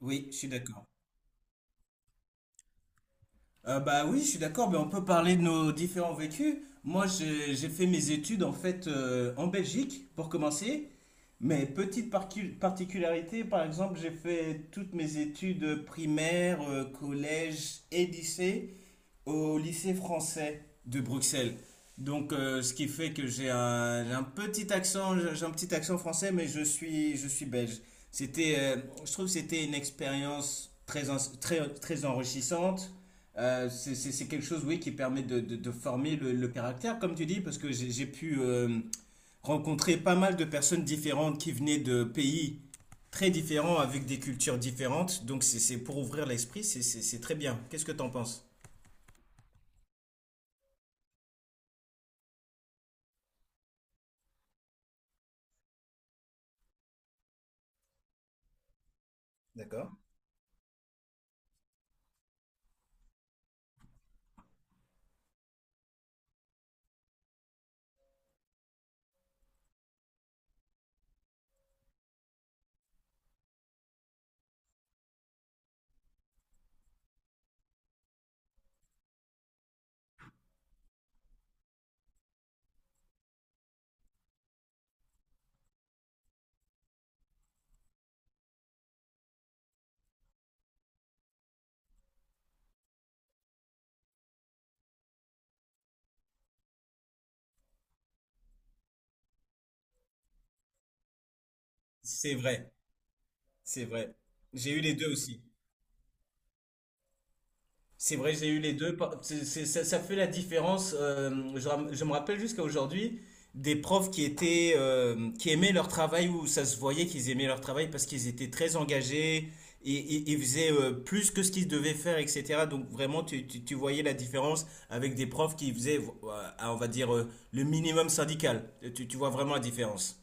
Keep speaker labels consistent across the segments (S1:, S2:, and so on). S1: Oui, je suis d'accord. Bah oui, je suis d'accord, mais on peut parler de nos différents vécus. Moi, j'ai fait mes études en fait en Belgique pour commencer. Mais petite particularité, par exemple, j'ai fait toutes mes études primaires, collège et lycée au lycée français de Bruxelles. Donc, ce qui fait que j'ai un petit accent, j'ai un petit accent français, mais je suis belge. C'était, euh, je trouve que c'était une expérience très, très, très enrichissante. C'est quelque chose, oui, qui permet de former le caractère, comme tu dis, parce que j'ai pu rencontrer pas mal de personnes différentes qui venaient de pays très différents, avec des cultures différentes. Donc, c'est pour ouvrir l'esprit, c'est très bien. Qu'est-ce que tu en penses? D'accord. C'est vrai, c'est vrai. J'ai eu les deux aussi. C'est vrai, j'ai eu les deux. Ça, ça fait la différence. Je me rappelle jusqu'à aujourd'hui des profs qui étaient, qui aimaient leur travail où ça se voyait qu'ils aimaient leur travail parce qu'ils étaient très engagés et ils faisaient plus que ce qu'ils devaient faire, etc. Donc vraiment, tu voyais la différence avec des profs qui faisaient, on va dire, le minimum syndical. Tu vois vraiment la différence.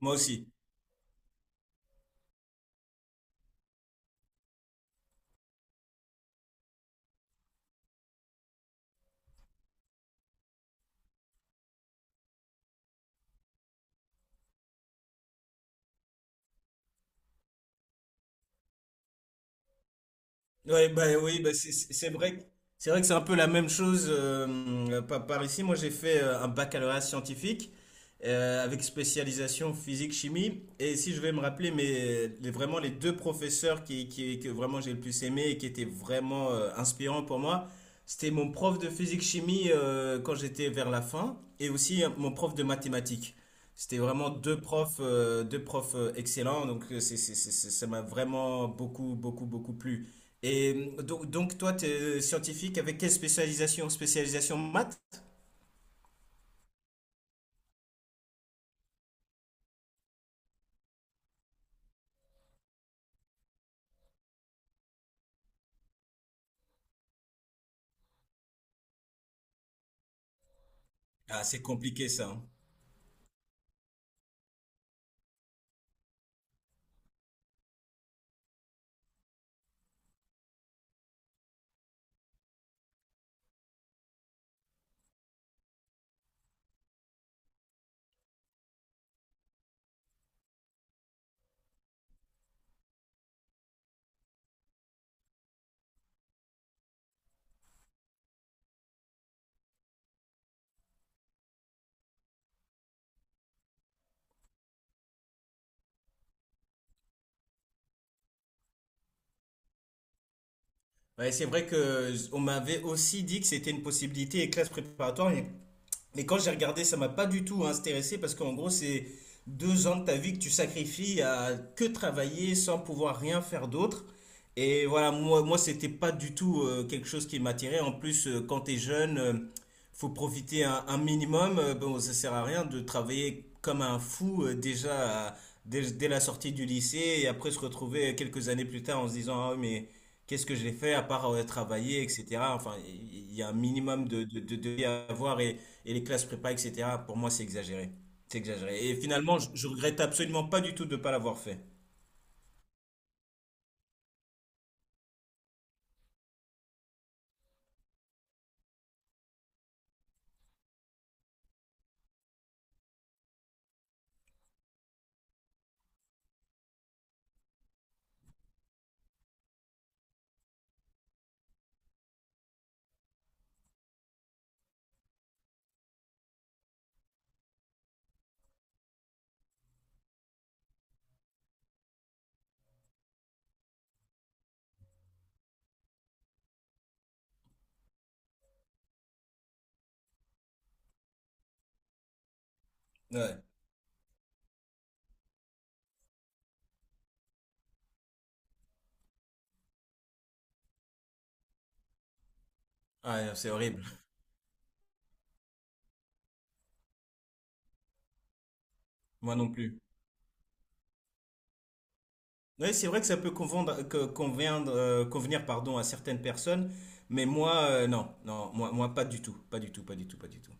S1: Moi aussi. Ouais, bah oui, bah c'est vrai que c'est un peu la même chose par ici. Moi, j'ai fait un baccalauréat scientifique avec spécialisation physique-chimie. Et si je vais me rappeler, mais vraiment les deux professeurs que vraiment j'ai le plus aimé et qui étaient vraiment inspirants pour moi, c'était mon prof de physique-chimie quand j'étais vers la fin et aussi mon prof de mathématiques. C'était vraiment deux profs excellents, donc ça m'a vraiment beaucoup, beaucoup, beaucoup plu. Donc, toi, tu es scientifique avec quelle spécialisation? Spécialisation maths? Ah, c'est compliqué ça. Hein. Ouais, c'est vrai que on m'avait aussi dit que c'était une possibilité et classe préparatoire, mais quand j'ai regardé, ça m'a pas du tout intéressé parce qu'en gros, c'est deux ans de ta vie que tu sacrifies à que travailler sans pouvoir rien faire d'autre. Et voilà, moi, c'était pas du tout quelque chose qui m'attirait. En plus, quand t'es jeune, faut profiter un minimum. Bon, ça sert à rien de travailler comme un fou dès la sortie du lycée et après se retrouver quelques années plus tard en se disant, ah oui, mais qu'est-ce que j'ai fait à part travailler, etc. Enfin, il y a un minimum de vie à avoir et, les classes prépa, etc. Pour moi, c'est exagéré. C'est exagéré. Et finalement, je regrette absolument pas du tout de ne pas l'avoir fait. Ouais. Ouais, c'est horrible. Moi non plus. Oui, c'est vrai que ça peut convenir, pardon, à certaines personnes, mais moi, non, non, moi, pas du tout, pas du tout, pas du tout, pas du tout.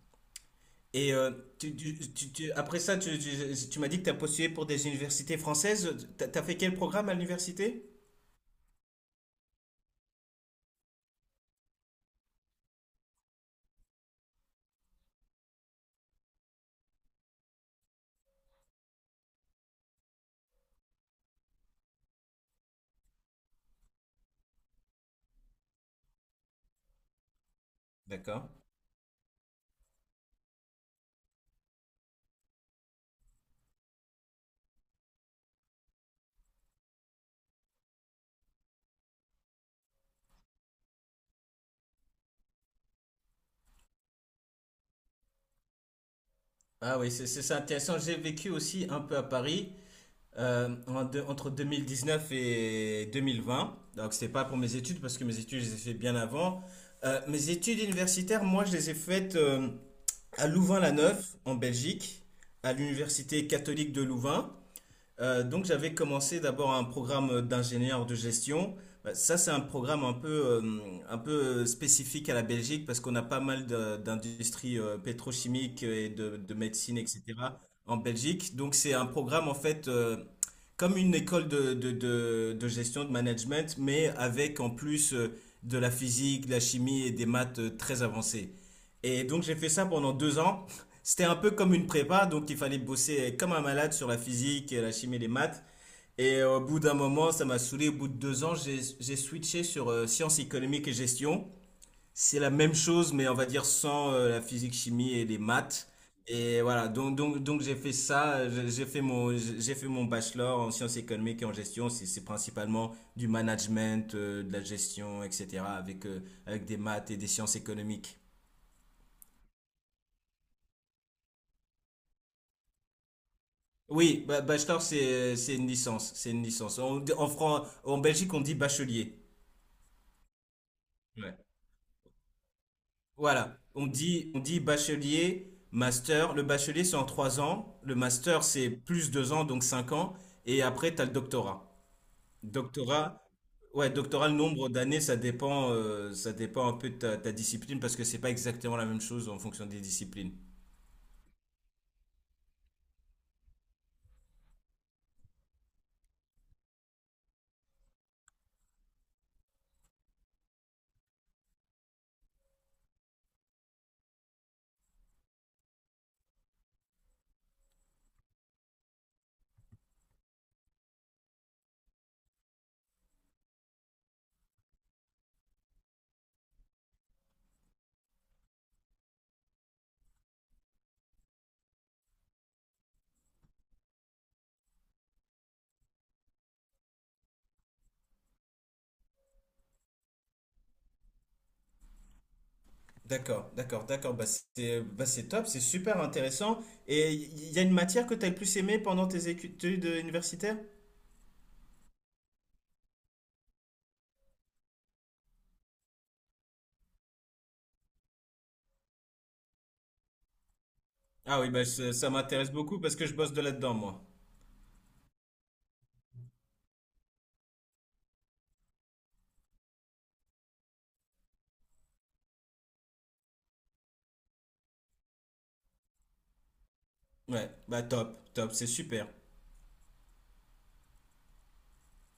S1: Et euh, après ça, tu m'as dit que tu as postulé pour des universités françaises. Tu as fait quel programme à l'université? D'accord. Ah oui, c'est intéressant. J'ai vécu aussi un peu à Paris entre neuf et 2020. Donc c'était pas pour mes études parce que mes études je les ai faites bien avant. Mes études universitaires, moi je les ai faites à Louvain-la-Neuve en Belgique, à l'université catholique de Louvain. Donc j'avais commencé d'abord un programme d'ingénieur de gestion. Bah, ça, c'est un programme un peu spécifique à la Belgique parce qu'on a pas mal d'industries pétrochimiques et de médecine, etc. en Belgique. Donc c'est un programme en fait comme une école de gestion, de management, mais avec en plus de la physique, de la chimie et des maths très avancées. Et donc j'ai fait ça pendant 2 ans. C'était un peu comme une prépa, donc il fallait bosser comme un malade sur la physique, la chimie, les maths. Et au bout d'un moment, ça m'a saoulé. Au bout de 2 ans, j'ai switché sur sciences économiques et gestion. C'est la même chose, mais on va dire sans la physique, chimie et les maths. Et voilà, donc j'ai fait ça, j'ai fait mon bachelor en sciences économiques et en gestion. C'est principalement du management, de la gestion, etc. avec, avec des maths et des sciences économiques. Oui, bachelor, c'est une licence. C'est une licence. En Belgique, on dit bachelier. Ouais. Voilà. On dit bachelier, master. Le bachelier, c'est en 3 ans. Le master, c'est plus 2 ans, donc 5 ans. Et après, tu as le doctorat. Doctorat, ouais, doctorat, le nombre d'années, ça dépend un peu de ta discipline parce que c'est pas exactement la même chose en fonction des disciplines. D'accord, d'accord, d'accord. Bah, c'est top, c'est super intéressant. Et il y a une matière que tu as le plus aimée pendant tes études universitaires? Ah oui, bah, ça ça m'intéresse beaucoup parce que je bosse de là-dedans, moi. Ouais, bah top, top, c'est super.